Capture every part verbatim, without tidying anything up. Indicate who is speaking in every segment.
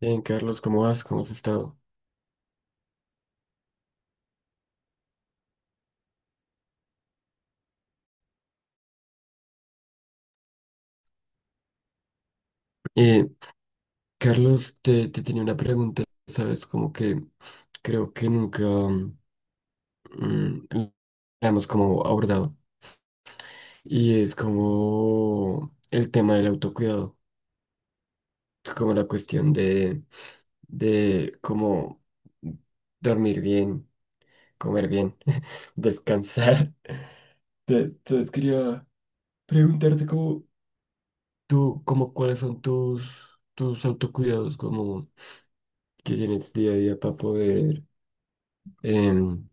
Speaker 1: Bien, Carlos, ¿cómo vas? ¿Cómo has estado? Eh, Carlos, te, te tenía una pregunta, ¿sabes? Como que creo que nunca mm, mm, la hemos como abordado. Y es como el tema del autocuidado, como la cuestión de, de cómo dormir bien, comer bien, descansar. Te- Entonces quería preguntarte como tú, como cuáles son tus, tus autocuidados, como... que tienes día a día para poder em,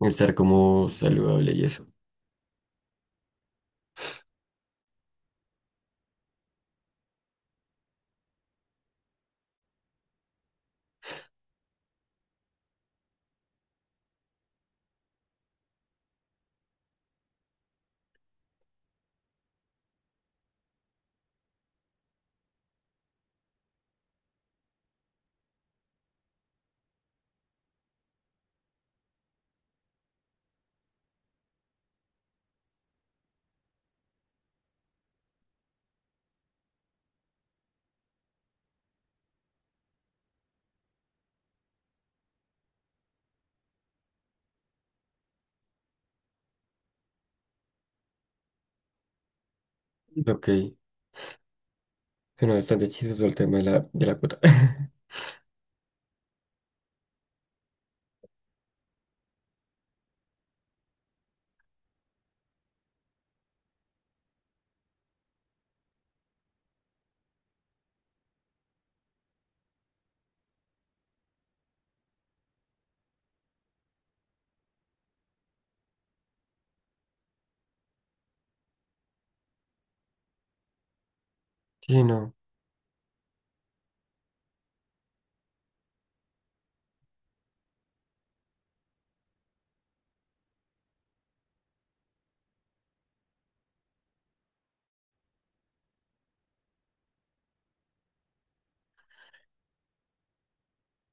Speaker 1: estar como saludable y eso. Ok, suena bastante chistoso el tema de la, de la cuota. Sí, no.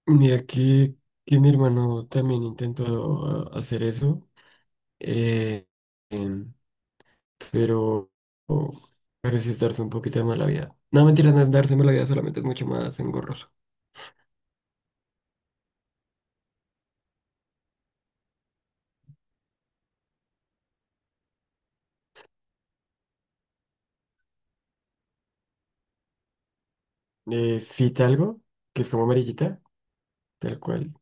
Speaker 1: Mira que, que mi hermano también intentó a- hacer eso, eh, em, pero, pero sí es darse un poquito de mala vida. No, mentira, no es darse mala vida, solamente es mucho más engorroso. Eh, fit algo, que es como amarillita, tal cual,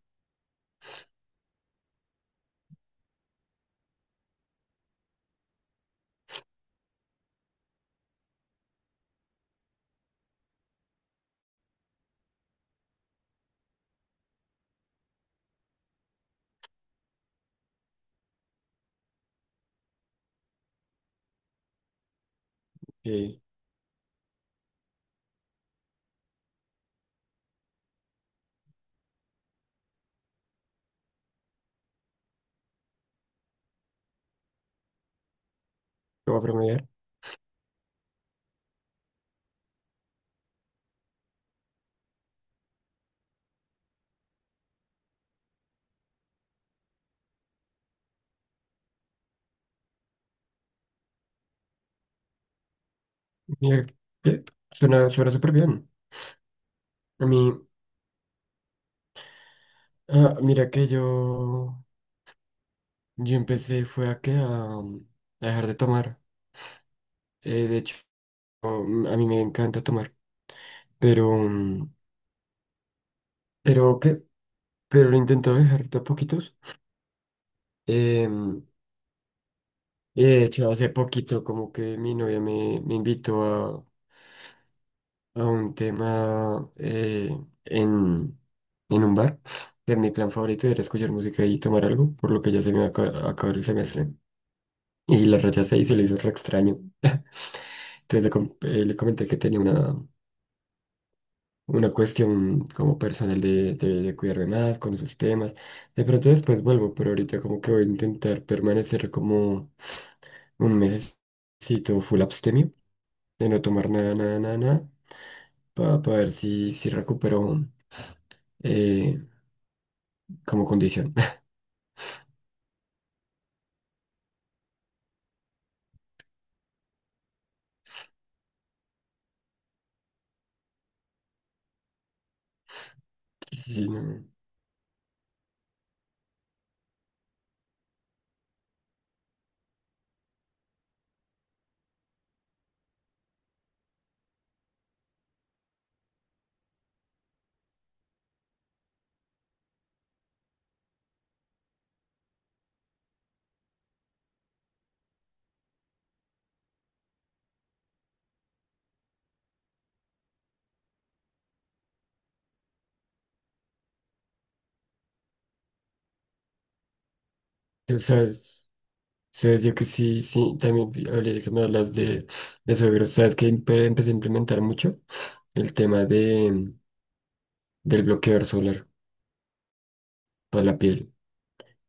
Speaker 1: que lo va a promediar. Mira, que suena, suena súper bien. A mí. Ah, mira que yo, yo empecé fue a que a, um, a dejar de tomar. Eh, de hecho, um, a mí me encanta tomar, pero, um, pero qué, pero lo intento dejar de a poquitos. Em, y de hecho, hace poquito como que mi novia me, me invitó a, a un tema eh, en, en un bar. Que mi plan favorito era escuchar música y tomar algo, por lo que ya se me va a acabar, a acabar el semestre. Y la rechacé y se le hizo re extraño. Entonces le, com- eh, le comenté que tenía una, una cuestión como personal de, de- de cuidarme más con esos temas. De pronto después vuelvo, pero ahorita como que voy a intentar permanecer como un mesecito full abstemio, de no tomar nada, nada, nada, nada, para ver si, si recupero eh, como condición. Sí, no. Tú ¿Sabes? ¿Sabes? Yo que sí, sí, también hablé de que me hablas de, de suegros. ¿Sabes que empecé a implementar mucho? El tema de, del bloqueador solar para la piel.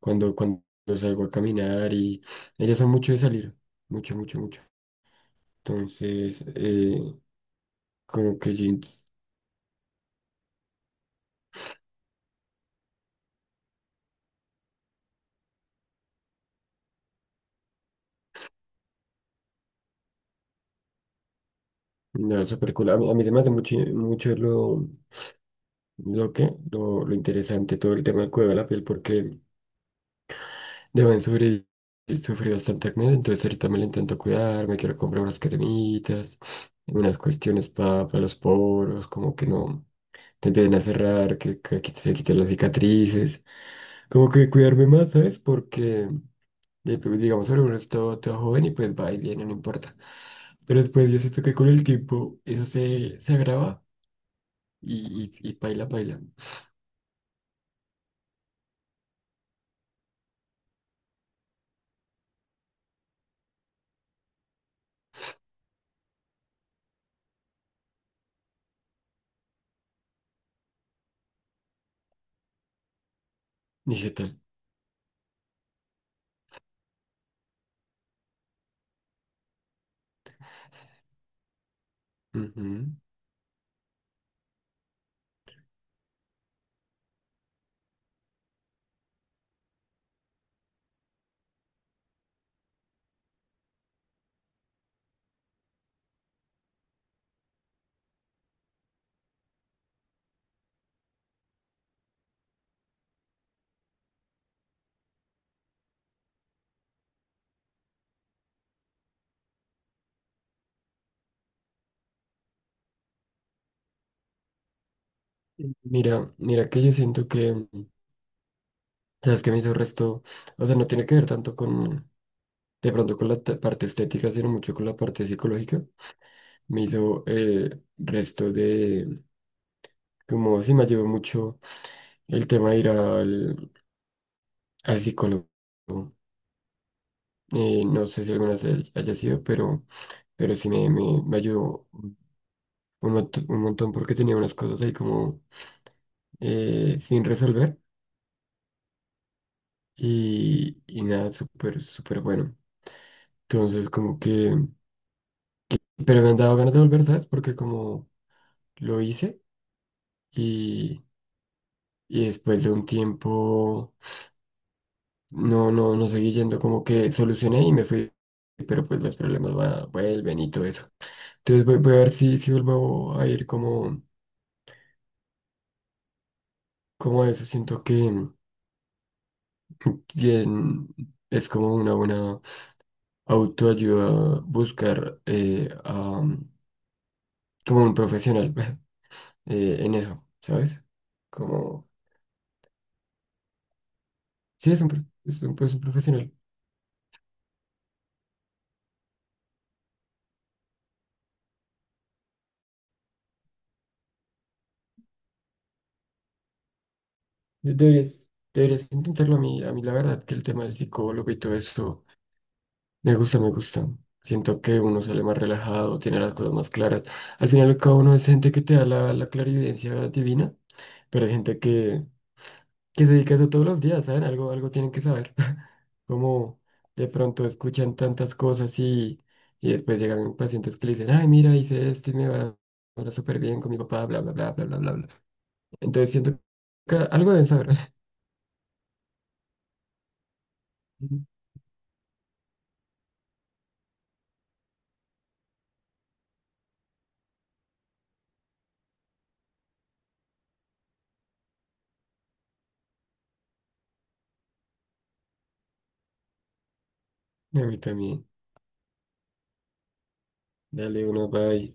Speaker 1: Cuando, cuando salgo a caminar y ellas son mucho de salir, mucho, mucho, mucho. Entonces, eh, como que jeans, no, súper cool. A mí, a mí se me hace mucho, mucho lo, lo que, lo, lo interesante, todo el tema del cuidado de la piel, porque deben sufrir, sufrir bastante acné, entonces ahorita me lo intento cuidar, me quiero comprar unas cremitas, unas cuestiones para los poros, como que no te empiecen a cerrar, que, que qui- se quiten las cicatrices. Como que cuidarme más, ¿sabes? Porque, eh, pues, digamos, ahora uno está todo joven y pues va y viene, no importa. Pero después yo siento que con el tiempo eso se, se agrava y, y, y paila, paila. ¿Y qué tal? Ujú. Mira, mira que yo siento que, sabes que me hizo resto, o sea, no tiene que ver tanto con, de pronto con la te- parte estética, sino mucho con la parte psicológica. Me hizo eh, resto de, como si me llevó mucho el tema de ir al, al psicólogo. Eh, no sé si alguna vez hay- haya sido, pero, pero sí me, me, me ayudó un, mont- un montón porque tenía unas cosas ahí como eh, sin resolver y, y nada, súper, súper bueno. Entonces, como que, pero me han dado ganas de volver, ¿sabes? Porque como lo hice y, y después de un tiempo no, no, no seguí yendo, como que solucioné y me fui, pero pues los problemas van, vuelven y todo eso. Entonces voy, voy a ver si, si vuelvo a ir como, como a eso. Siento que, que en- es como una buena autoayuda buscar eh, a, como un profesional eh, en eso, ¿sabes? Como, sí, es un, pro- es un, pues, un profesional. De- Deberías, deberías intentarlo. A mí, a mí la verdad que el tema del psicólogo y todo eso me gusta, me gusta. Siento que uno sale más relajado, tiene las cosas más claras. Al final, cada uno es gente que te da la, la clarividencia divina. Pero hay gente que, que se dedica a eso todos los días, ¿saben? Algo, algo tienen que saber. Como de pronto escuchan tantas cosas y, y después llegan pacientes que le dicen, ay, mira, hice esto y me va ahora súper bien con mi papá, bla, bla, bla, bla, bla, bla, bla. Entonces siento que algo deben saber. Ujú. A mí también. Dale, uno, bye.